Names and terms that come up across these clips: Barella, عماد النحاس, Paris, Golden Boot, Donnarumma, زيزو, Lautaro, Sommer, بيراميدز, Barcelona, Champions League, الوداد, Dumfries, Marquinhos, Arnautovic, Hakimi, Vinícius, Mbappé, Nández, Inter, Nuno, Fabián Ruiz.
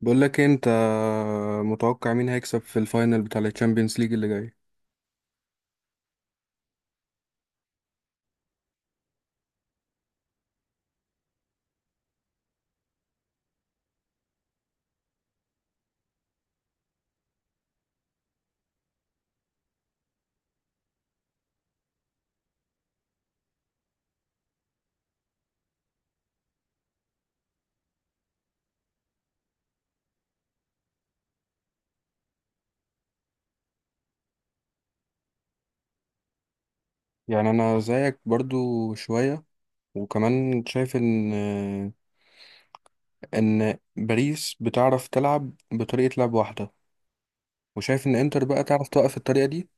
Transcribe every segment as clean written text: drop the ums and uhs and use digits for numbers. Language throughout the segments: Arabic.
بقول لك إيه، انت متوقع مين هيكسب في الفاينل بتاع الشامبيونز ليج اللي جاي؟ يعني انا زيك برضو شوية، وكمان شايف ان باريس بتعرف تلعب بطريقة لعب واحدة، وشايف ان انتر بقى تعرف توقف الطريقة دي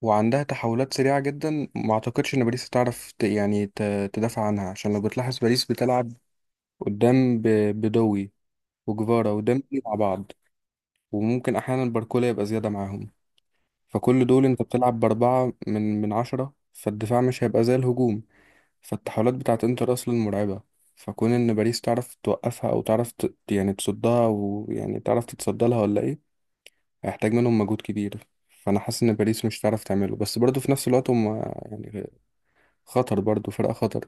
وعندها تحولات سريعة جدا. ما اعتقدش ان باريس تعرف يعني تدافع عنها، عشان لو بتلاحظ باريس بتلعب قدام بدوي وجفارا وديمبلي مع بعض، وممكن احيانا باركولا يبقى زيادة معاهم. فكل دول انت بتلعب بأربعة من عشرة، فالدفاع مش هيبقى زي الهجوم. فالتحولات بتاعت انتر أصلا مرعبة، فكون إن باريس تعرف توقفها أو تعرف يعني تصدها ويعني تعرف تتصدى لها ولا إيه، هيحتاج منهم مجهود كبير. فأنا حاسس إن باريس مش هتعرف تعمله، بس برضه في نفس الوقت هم يعني خطر، برضه فرقة خطر.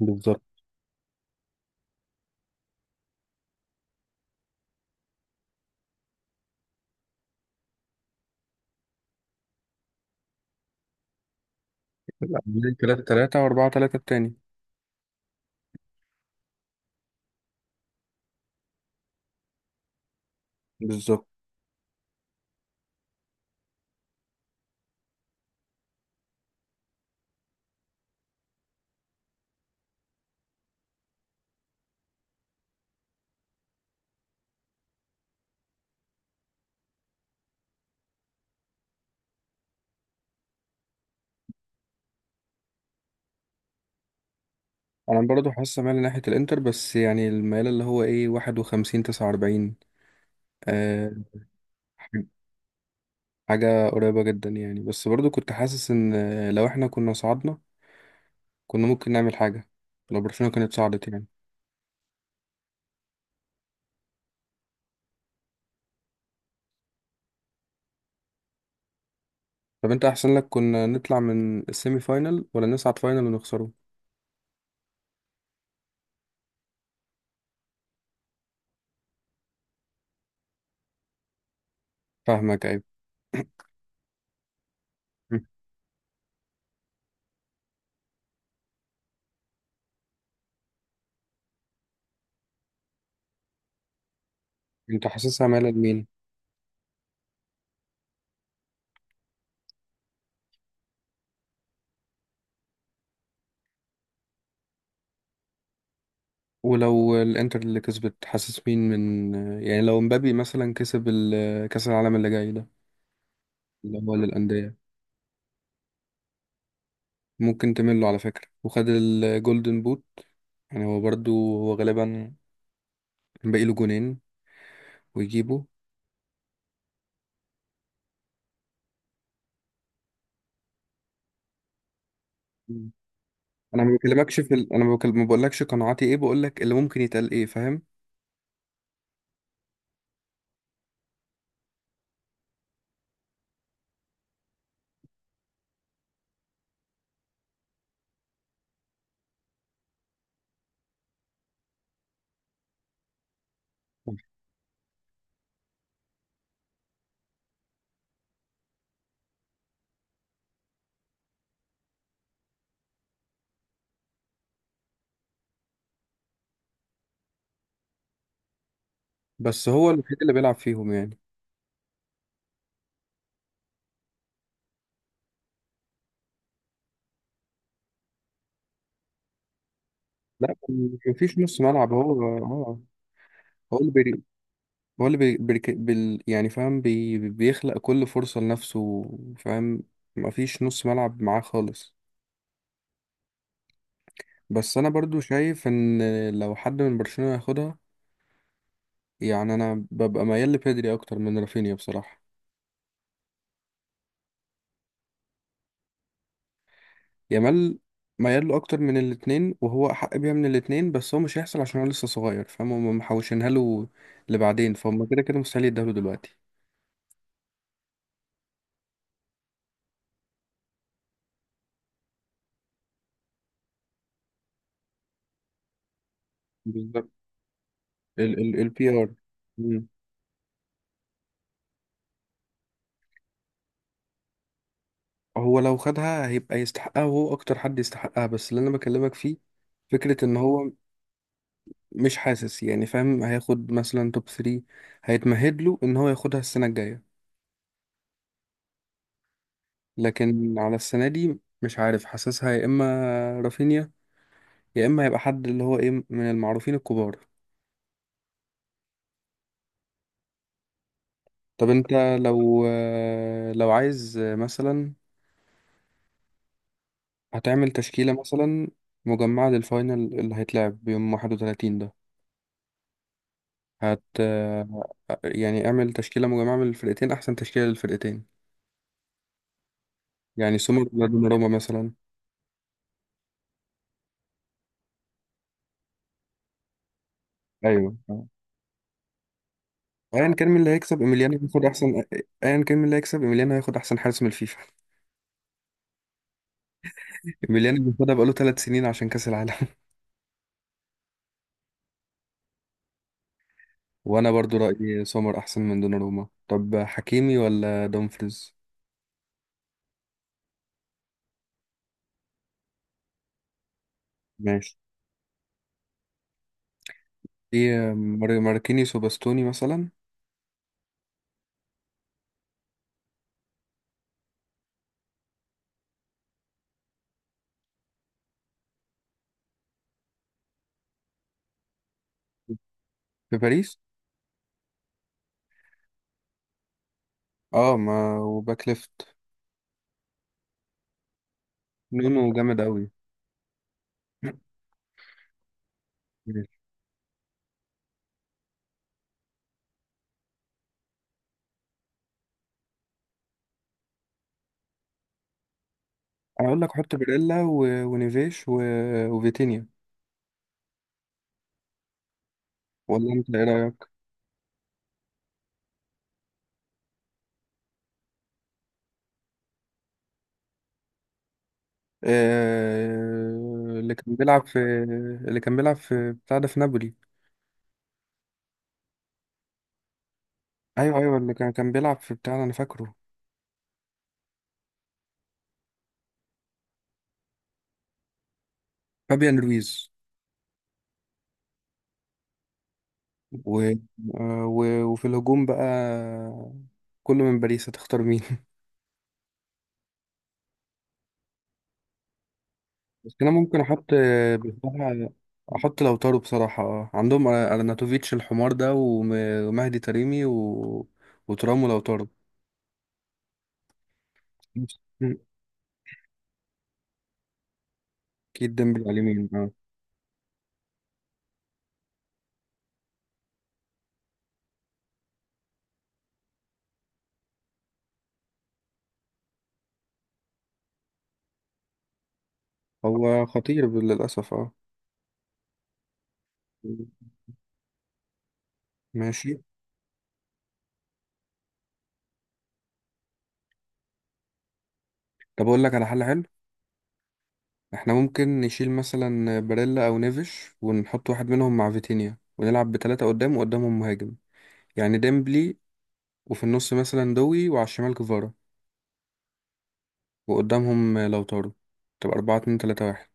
بالظبط. الأولاني 3-3، و4-3 التاني. بالظبط. أنا برضه حاسس مايل ناحية الإنتر، بس يعني الميل اللي هو إيه 51-49. أه. حاجة قريبة جدا يعني، بس برضو كنت حاسس ان لو احنا كنا صعدنا كنا ممكن نعمل حاجة، لو برشلونة كانت صعدت يعني. طب انت احسن لك كنا نطلع من السيمي فاينال ولا نصعد فاينال ونخسره؟ فاهمك، عيب. انت حاسسها مالة لمين؟ ولو الانتر اللي كسبت حاسس مين من؟ يعني لو مبابي مثلا كسب كأس العالم اللي جاي ده، اللي هو للأندية. ممكن تمله على فكرة وخد الجولدن بوت، يعني هو برضو، هو غالبا باقي له جونين ويجيبه. انا ما بكلمكش في ال... انا ما بكلم- ما بقولكش قناعاتي ايه، بقولك اللي ممكن يتقال ايه. فاهم؟ بس هو الوحيد اللي بيلعب فيهم يعني. لا، مفيش نص ملعب هو. اه. هو اللي بي... هو اللي يعني فاهم، بيخلق كل فرصة لنفسه. فاهم؟ مفيش نص ملعب معاه خالص. بس انا برضو شايف ان لو حد من برشلونة ياخدها، يعني انا ببقى ميال لبيدري اكتر من رافينيا بصراحة. يامال ميال له اكتر من الاتنين، وهو احق بيها من الاتنين، بس هو مش هيحصل عشان هو لسه صغير. فاهم؟ هما محوشينها له لبعدين، فهم كده كده مستحيل يديها له دلوقتي. بالظبط. ال البي ار. هو لو خدها هيبقى يستحقها، وهو اكتر حد يستحقها، بس اللي انا بكلمك فيه فكرة ان هو مش حاسس يعني، فاهم، هياخد مثلا توب 3. هيتمهد له ان هو ياخدها السنة الجاية. لكن على السنة دي مش عارف، حاسسها يا اما رافينيا، يا اما هيبقى حد اللي هو ايه من المعروفين الكبار. طب انت لو لو عايز مثلا هتعمل تشكيلة مثلا مجمعة للفاينل اللي هيتلعب يوم 31 ده، هت يعني اعمل تشكيلة مجمعة من الفرقتين، أحسن تشكيلة للفرقتين. يعني سومر ولا دوناروما مثلا؟ ايوه، اه. ايا كان مين اللي هيكسب ايميليانو هياخد احسن. ايا كان مين اللي هيكسب ايميليانو هياخد احسن حارس من الفيفا. ايميليانو بياخدها بقاله 3 سنين عشان كأس العالم. وانا برضو رأيي سومر احسن من دوناروما. طب حكيمي ولا دومفريز؟ ماشي. في ماركينيوس وباستوني مثلا. في باريس. اه، ما وباك ليفت. نونو جامد قوي. اقول لك حط باريلا ونيفيش وفيتينيا. ولا انت ايه رايك؟ اللي كان بيلعب في، اللي كان بيلعب في بتاع ده في نابولي. ايوه، ايوه، اللي كان بيلعب في بتاع ده، انا فاكره. فابيان رويز و... وفي الهجوم بقى، كله من باريس هتختار مين؟ بس انا ممكن احط، بصراحه احط لوتارو بصراحه. آه. عندهم ارناتوفيتش الحمار ده ومهدي تريمي وترام ولوتارو. مم. اكيد ديمبلي على اليمين، اه. هو خطير للاسف، اه. ماشي. طب اقول لك على حل حلو. احنا ممكن نشيل مثلا باريلا او نيفش ونحط واحد منهم مع فيتينيا ونلعب بثلاثه قدام وقدامهم مهاجم. يعني ديمبلي، وفي النص مثلا دوي، وعلى الشمال كفارا، وقدامهم لوتارو. تبقى 4-2-3-1.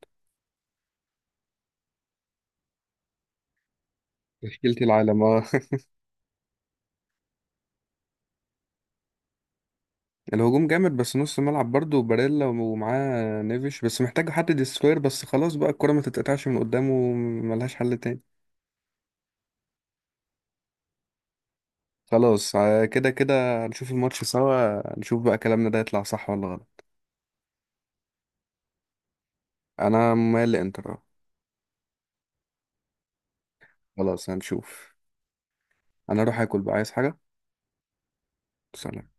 تشكيلة العالم، اه. الهجوم جامد، بس نص ملعب برضه، وباريلا ومعاه نيفيش، بس محتاج حد ديستروير بس خلاص بقى، الكرة ما تتقطعش من قدامه. ملهاش حل تاني. خلاص آه، كده كده هنشوف الماتش سوا، نشوف بقى كلامنا ده يطلع صح ولا غلط. انا مال انتر، آه. خلاص هنشوف. انا اروح اكل بقى، عايز حاجة. سلام.